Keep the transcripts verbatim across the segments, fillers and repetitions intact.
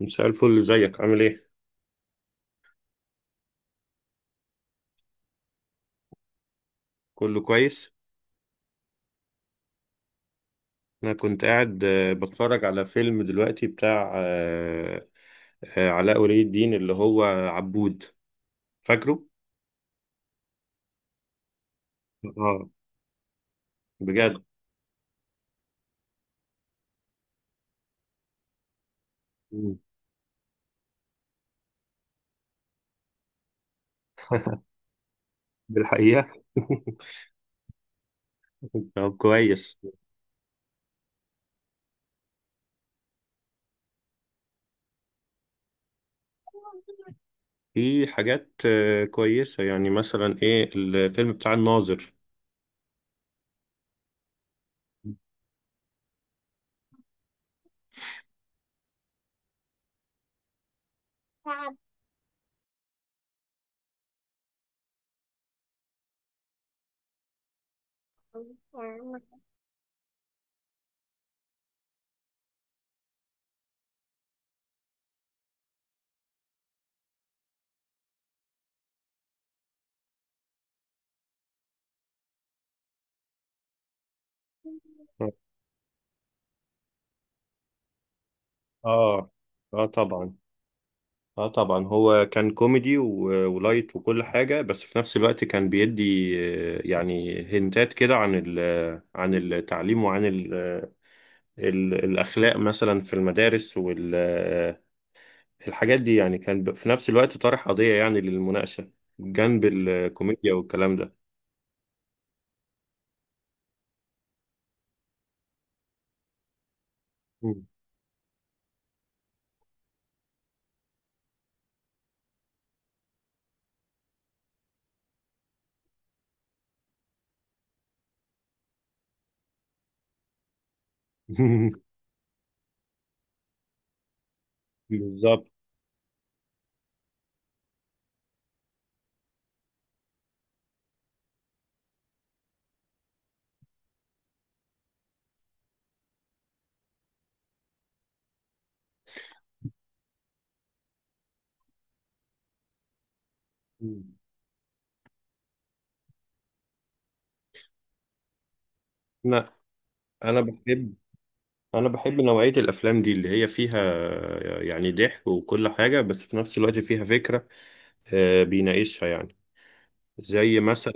مساء الفل، ازيك؟ عامل ايه؟ كله كويس. انا كنت قاعد آه، بتفرج على فيلم دلوقتي بتاع آه، آه، علاء ولي الدين اللي هو عبود. فاكره؟ اه، بجد. مم. بالحقيقة. طب كويس. في حاجات آه، كويسة، يعني مثلا ايه الفيلم بتاع الناظر. اه، اه طبعا. اه طبعا، هو كان كوميدي و- ولايت وكل حاجة، بس في نفس الوقت كان بيدي آه، يعني هنتات كده عن ال- عن التعليم وعن ال- ال- الأخلاق مثلا في المدارس والحاجات دي، يعني كان ب- في نفس الوقت طرح قضية يعني للمناقشة جنب الكوميديا والكلام ده. مم. بالظبط. مم. لا. أنا بحب أنا بحب نوعية الأفلام دي اللي هي فيها آه، يعني ضحك وكل حاجة، بس في نفس الوقت فيها فكرة آه، بيناقشها يعني. زي مثلا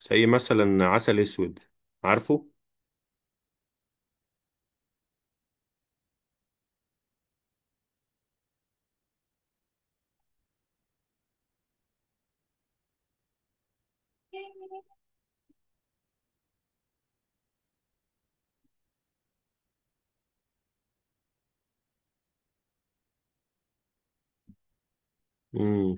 زي مثلا عسل اسود. عارفه؟ امم.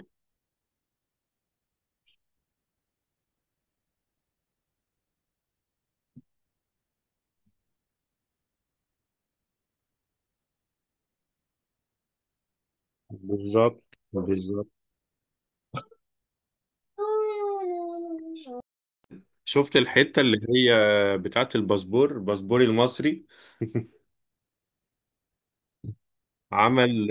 بالظبط، بالظبط. شفت الحتة اللي هي بتاعت الباسبور، باسبوري المصري. عمل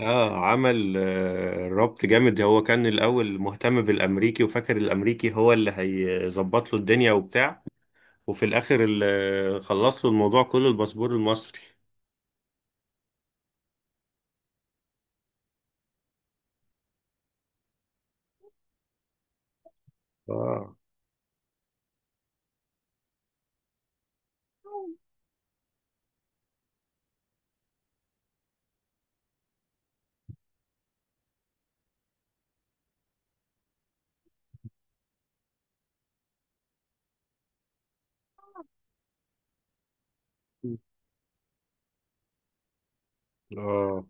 اه، عمل آه ربط جامد. هو كان الاول مهتم بالامريكي وفاكر الامريكي هو اللي هيظبط له الدنيا وبتاع، وفي الاخر اللي خلص له الموضوع كله الباسبور المصري. اه. اه،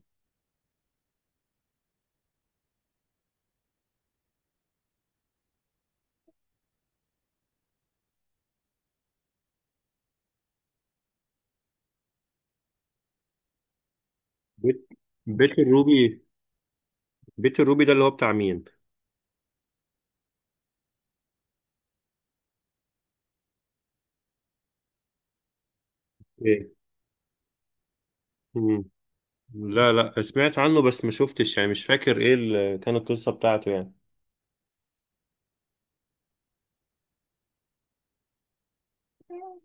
بيت بيت الروبي بيت الروبي ده اللي هو بتاع مين؟ ايه. لا، لا، سمعت عنه بس ما شفتش، يعني مش فاكر ايه اللي كانت القصة بتاعته يعني.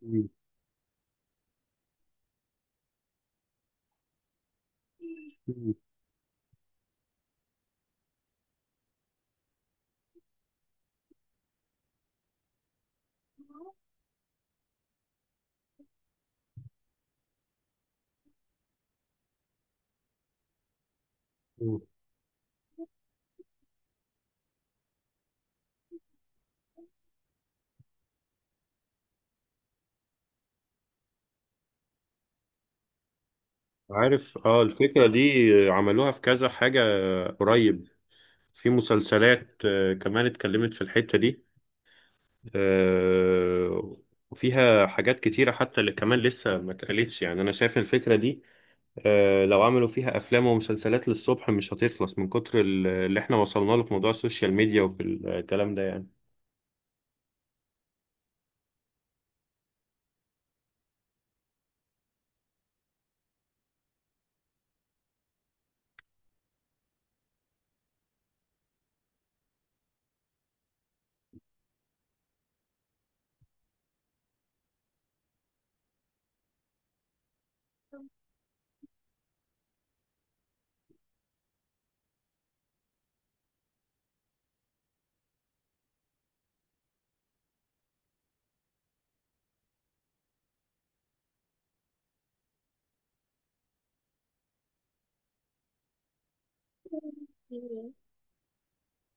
مم. مم. مم. عارف، اه الفكرة دي عملوها في كذا حاجة قريب. في مسلسلات آه، كمان اتكلمت في الحتة دي. آه، وفيها حاجات كتيرة حتى اللي كمان لسه ما اتقالتش، يعني أنا شايف الفكرة دي آه، لو عملوا فيها أفلام ومسلسلات للصبح مش هتخلص من كتر ال- اللي احنا وصلنا له في موضوع السوشيال ميديا وفي الكلام ده يعني.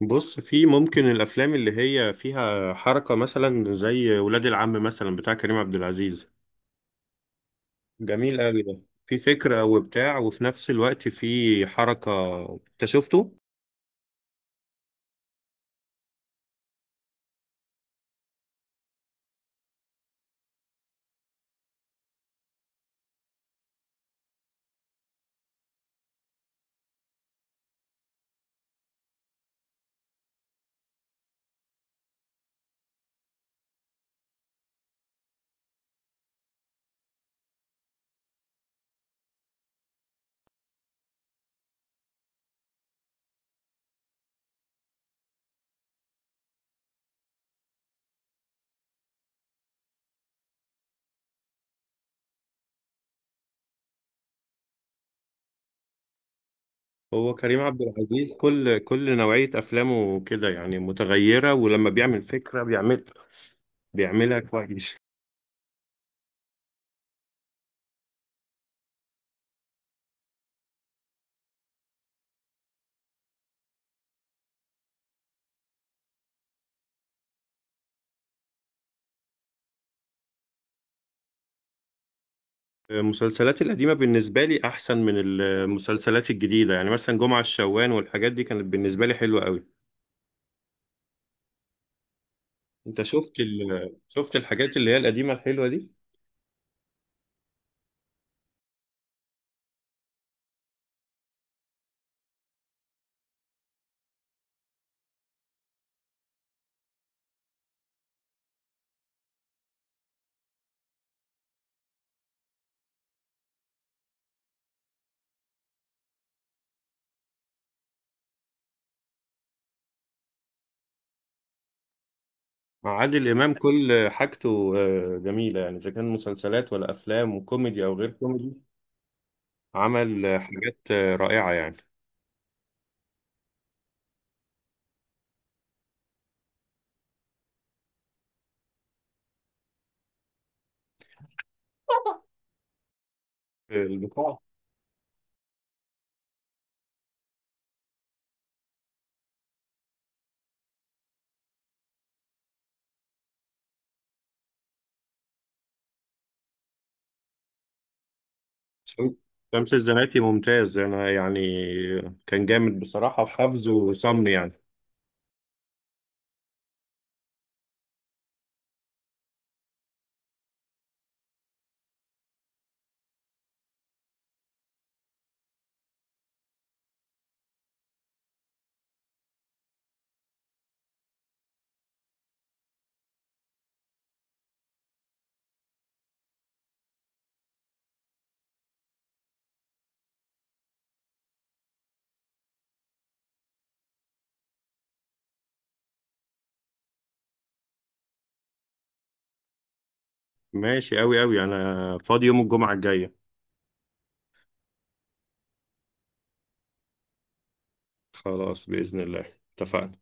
بص، في ممكن الافلام اللي هي فيها حركه، مثلا زي ولاد العم مثلا بتاع كريم عبد العزيز. جميل قوي ده. في فكره وبتاع، وفي نفس الوقت في حركه. انت شفته؟ هو كريم عبد العزيز كل كل نوعيه افلامه كده يعني متغيره، ولما بيعمل فكره بيعمل بيعملها كويس. المسلسلات القديمه بالنسبه لي احسن من المسلسلات الجديده، يعني مثلا جمعه الشوان والحاجات دي كانت بالنسبه لي حلوه قوي. انت شفت ال... شفت الحاجات اللي هي القديمه الحلوه دي؟ مع عادل إمام كل حاجته آه، جميلة، يعني إذا كان مسلسلات ولا أفلام، وكوميدي أو غير كوميدي. عمل آه، حاجات آه، رائعة يعني. آه، البتاع شمس الزناتي ممتاز، أنا يعني كان جامد بصراحة، في حفظه وصمني يعني. ماشي، أوي أوي أنا فاضي يوم الجمعة الجاية. خلاص، بإذن الله اتفقنا.